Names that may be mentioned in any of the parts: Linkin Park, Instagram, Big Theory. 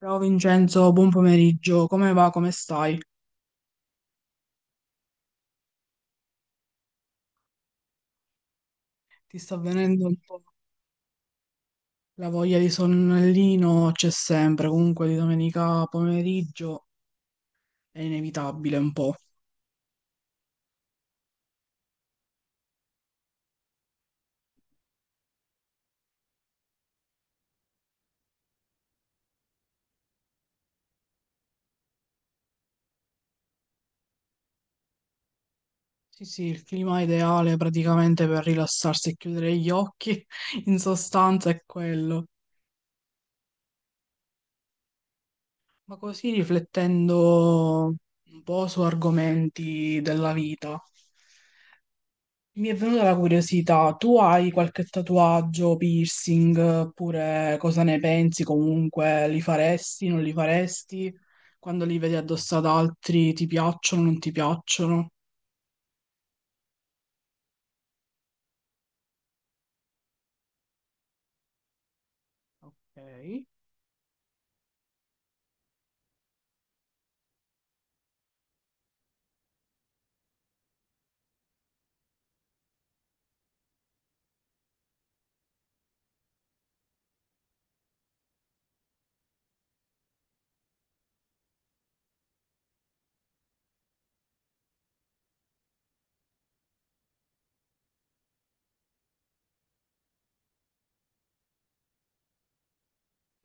Ciao Vincenzo, buon pomeriggio, come va, come stai? Ti sta venendo un po' la voglia di sonnellino? C'è sempre, comunque di domenica pomeriggio è inevitabile un po'. Sì, sì, il clima ideale praticamente per rilassarsi e chiudere gli occhi, in sostanza è quello. Ma così riflettendo un po' su argomenti della vita. Mi è venuta la curiosità, tu hai qualche tatuaggio, piercing, oppure cosa ne pensi comunque? Li faresti, non li faresti? Quando li vedi addosso ad altri, ti piacciono, non ti piacciono? Ok.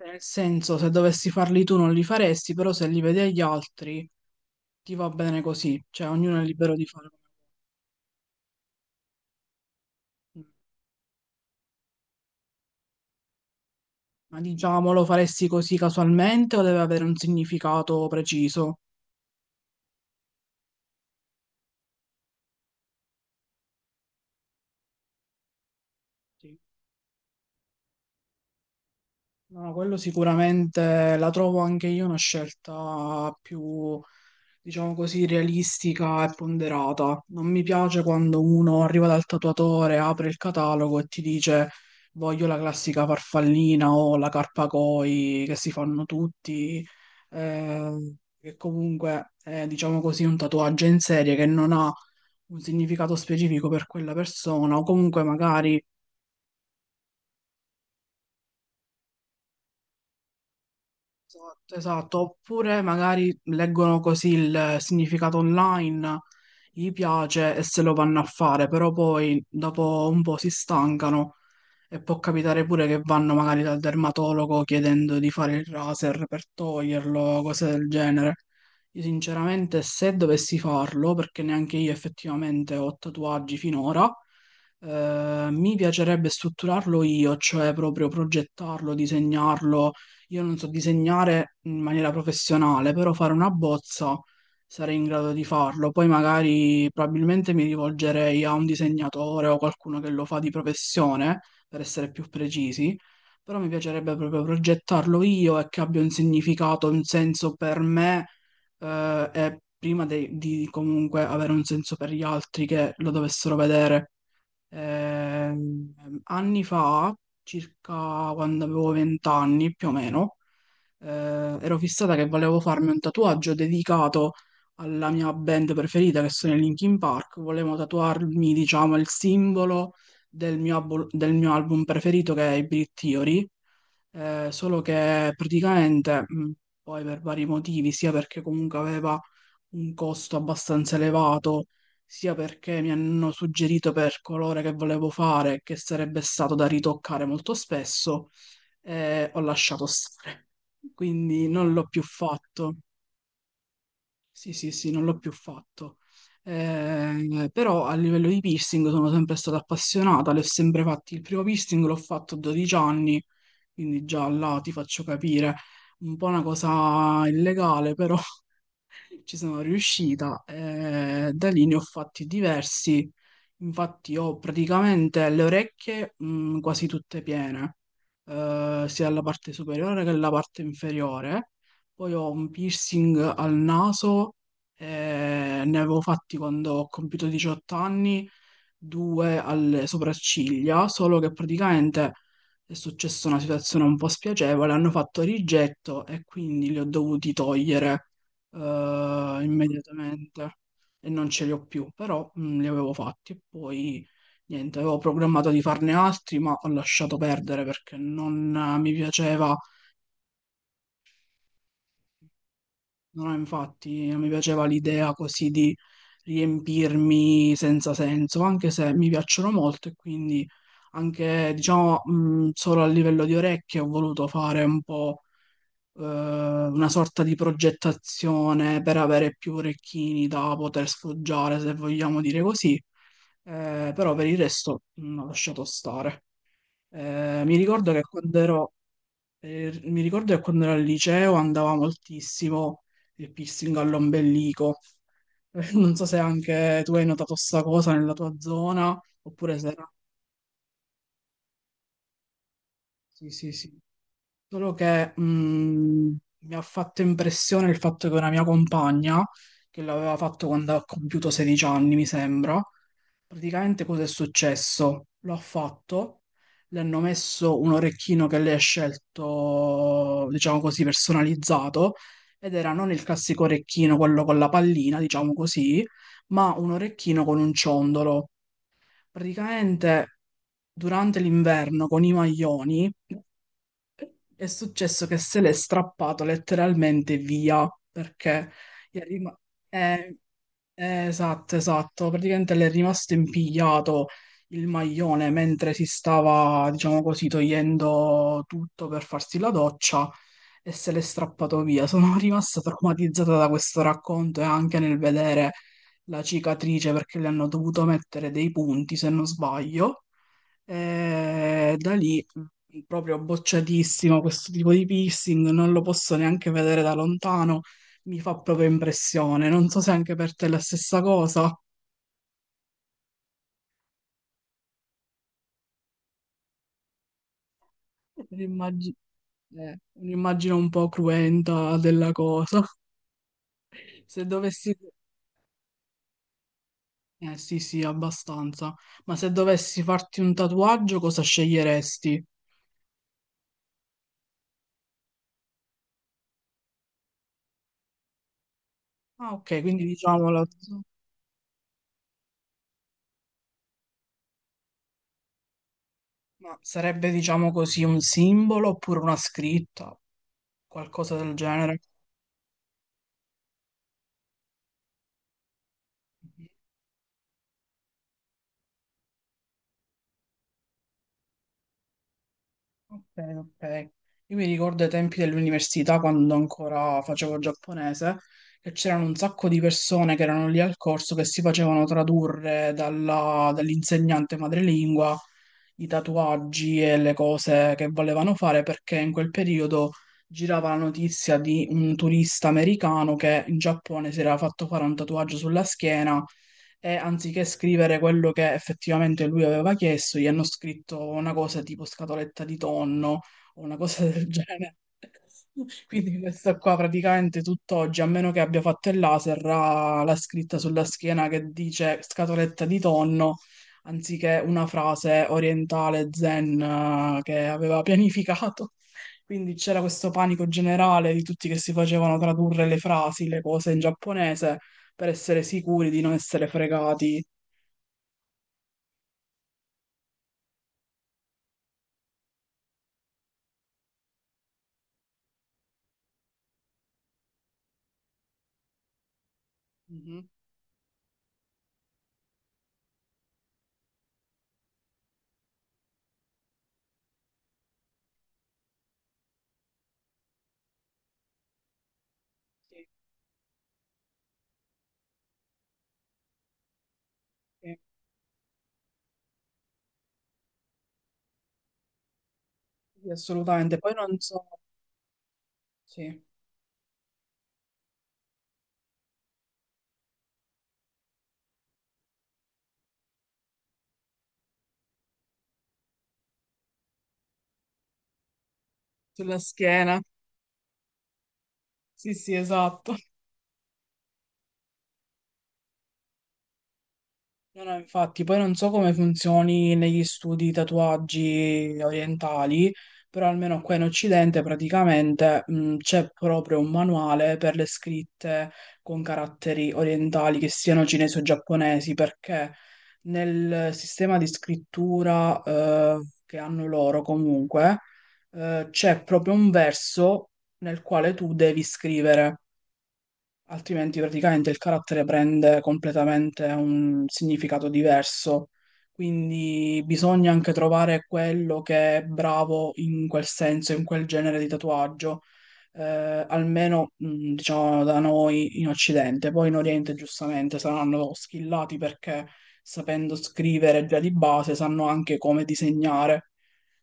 Nel senso, se dovessi farli tu non li faresti, però se li vedi agli altri ti va bene così, cioè ognuno è libero di farlo. Ma diciamo, lo faresti così casualmente o deve avere un significato preciso? No, no, quello sicuramente la trovo anche io una scelta più, diciamo così, realistica e ponderata. Non mi piace quando uno arriva dal tatuatore, apre il catalogo e ti dice voglio la classica farfallina o la carpa koi che si fanno tutti, eh, che comunque è, diciamo così, un tatuaggio in serie che non ha un significato specifico per quella persona o comunque magari. Esatto, esatto. Oppure magari leggono così il significato online, gli piace e se lo vanno a fare, però poi dopo un po' si stancano e può capitare pure che vanno magari dal dermatologo chiedendo di fare il laser per toglierlo, cose del genere. Io sinceramente se dovessi farlo, perché neanche io effettivamente ho tatuaggi finora, mi piacerebbe strutturarlo io, cioè proprio progettarlo, disegnarlo. Io non so disegnare in maniera professionale, però fare una bozza sarei in grado di farlo. Poi magari probabilmente mi rivolgerei a un disegnatore o qualcuno che lo fa di professione, per essere più precisi, però mi piacerebbe proprio progettarlo io e che abbia un significato, un senso per me, e prima di comunque avere un senso per gli altri che lo dovessero vedere. Ehm, Anni fa, circa quando avevo 20 anni più o meno, ero fissata che volevo farmi un tatuaggio dedicato alla mia band preferita, che sono i Linkin Park. Volevo tatuarmi, diciamo, il simbolo del mio album preferito, che è i Big Theory. Solo che praticamente, poi per vari motivi, sia perché comunque aveva un costo abbastanza elevato, sia perché mi hanno suggerito per colore che volevo fare, che sarebbe stato da ritoccare molto spesso, ho lasciato stare. Quindi non l'ho più fatto. Sì, sì, sì, non l'ho più fatto. Però a livello di piercing sono sempre stata appassionata, le ho sempre fatti. Il primo piercing l'ho fatto a 12 anni, quindi già là ti faccio capire. Un po' una cosa illegale, però ci sono riuscita e da lì ne ho fatti diversi. Infatti ho praticamente le orecchie quasi tutte piene, sia la parte superiore che la parte inferiore. Poi ho un piercing al naso, ne avevo fatti quando ho compiuto 18 anni, due alle sopracciglia, solo che praticamente è successa una situazione un po' spiacevole, hanno fatto rigetto e quindi li ho dovuti togliere immediatamente e non ce li ho più, però li avevo fatti e poi niente, avevo programmato di farne altri, ma ho lasciato perdere perché non mi piaceva, non ho, infatti, non mi piaceva l'idea così di riempirmi senza senso, anche se mi piacciono molto e quindi anche diciamo solo a livello di orecchie ho voluto fare un po' una sorta di progettazione per avere più orecchini da poter sfoggiare, se vogliamo dire così. Però per il resto ho lasciato stare. Eh, mi ricordo che quando ero, mi ricordo che quando ero al liceo andava moltissimo il piercing all'ombelico. Non so se anche tu hai notato sta cosa nella tua zona, oppure se era. Sì, sì, sì. Solo che mi ha fatto impressione il fatto che una mia compagna, che l'aveva fatto quando ha compiuto 16 anni, mi sembra, praticamente cosa è successo? Lo ha fatto, le hanno messo un orecchino che lei ha scelto, diciamo così, personalizzato, ed era non il classico orecchino, quello con la pallina, diciamo così, ma un orecchino con un ciondolo. Praticamente durante l'inverno con i maglioni è successo che se l'è strappato letteralmente via perché gli è rima- eh, esatto, esatto. Praticamente le è rimasto impigliato il maglione mentre si stava, diciamo così, togliendo tutto per farsi la doccia e se l'è strappato via. Sono rimasta traumatizzata da questo racconto e anche nel vedere la cicatrice perché le hanno dovuto mettere dei punti, se non sbaglio. E da lì proprio bocciatissimo questo tipo di piercing, non lo posso neanche vedere da lontano, mi fa proprio impressione. Non so se anche per te è la stessa cosa. Un'immagine un'immagine un po' cruenta della cosa. Se dovessi. Eh sì, sì, abbastanza. Ma se dovessi farti un tatuaggio, cosa sceglieresti? Ah, ok, quindi diciamo la. Ma sarebbe, diciamo così, un simbolo oppure una scritta, qualcosa del genere. Ok, ok. Io mi ricordo ai tempi dell'università, quando ancora facevo giapponese, che c'erano un sacco di persone che erano lì al corso che si facevano tradurre dall'insegnante madrelingua i tatuaggi e le cose che volevano fare, perché in quel periodo girava la notizia di un turista americano che in Giappone si era fatto fare un tatuaggio sulla schiena e anziché scrivere quello che effettivamente lui aveva chiesto, gli hanno scritto una cosa tipo scatoletta di tonno o una cosa del genere. Quindi questa qua praticamente tutt'oggi, a meno che abbia fatto il laser, ha la scritta sulla schiena che dice scatoletta di tonno, anziché una frase orientale zen che aveva pianificato. Quindi c'era questo panico generale di tutti che si facevano tradurre le frasi, le cose in giapponese per essere sicuri di non essere fregati. Mhm. Sì, sì, sì, assolutamente. Poi non so, sì, sulla schiena. Sì, sì, esatto. No, no, infatti, poi non so come funzioni negli studi di tatuaggi orientali, però almeno qua in Occidente praticamente c'è proprio un manuale per le scritte con caratteri orientali, che siano cinesi o giapponesi, perché nel sistema di scrittura che hanno loro comunque c'è proprio un verso nel quale tu devi scrivere altrimenti praticamente il carattere prende completamente un significato diverso. Quindi bisogna anche trovare quello che è bravo in quel senso, in quel genere di tatuaggio, eh, almeno diciamo da noi in Occidente. Poi in Oriente giustamente saranno skillati perché sapendo scrivere già di base sanno anche come disegnare.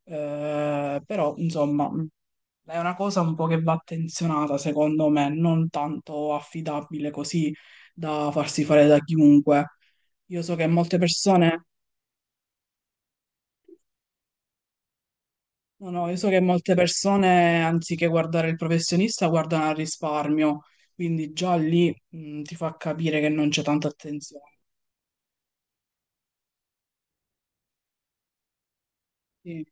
Però insomma è una cosa un po' che va attenzionata, secondo me, non tanto affidabile così da farsi fare da chiunque. Io so che molte persone, No, no, io so che molte persone, anziché guardare il professionista, guardano al risparmio, quindi già lì, ti fa capire che non c'è tanta attenzione. Sì.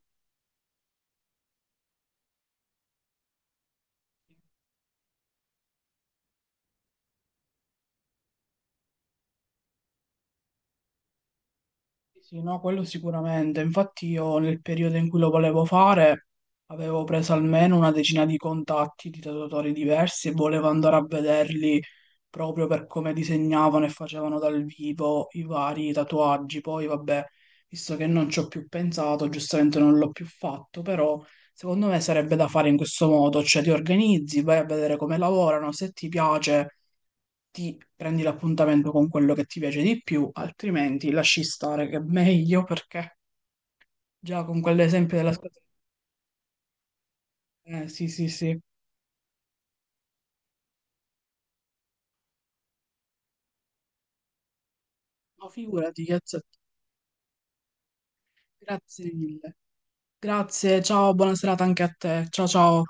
Sì, sì, no, quello sicuramente. Infatti io nel periodo in cui lo volevo fare avevo preso almeno una decina di contatti di tatuatori diversi e volevo andare a vederli proprio per come disegnavano e facevano dal vivo i vari tatuaggi. Poi vabbè, visto che non ci ho più pensato, giustamente non l'ho più fatto, però secondo me sarebbe da fare in questo modo, cioè ti organizzi, vai a vedere come lavorano, se ti piace ti prendi l'appuntamento con quello che ti piace di più, altrimenti lasci stare che è meglio perché già con quell'esempio della scuola. Sì, sì, sì. Ma figurati, Chiazzetto. Grazie mille. Grazie, ciao, buona serata anche a te. Ciao, ciao.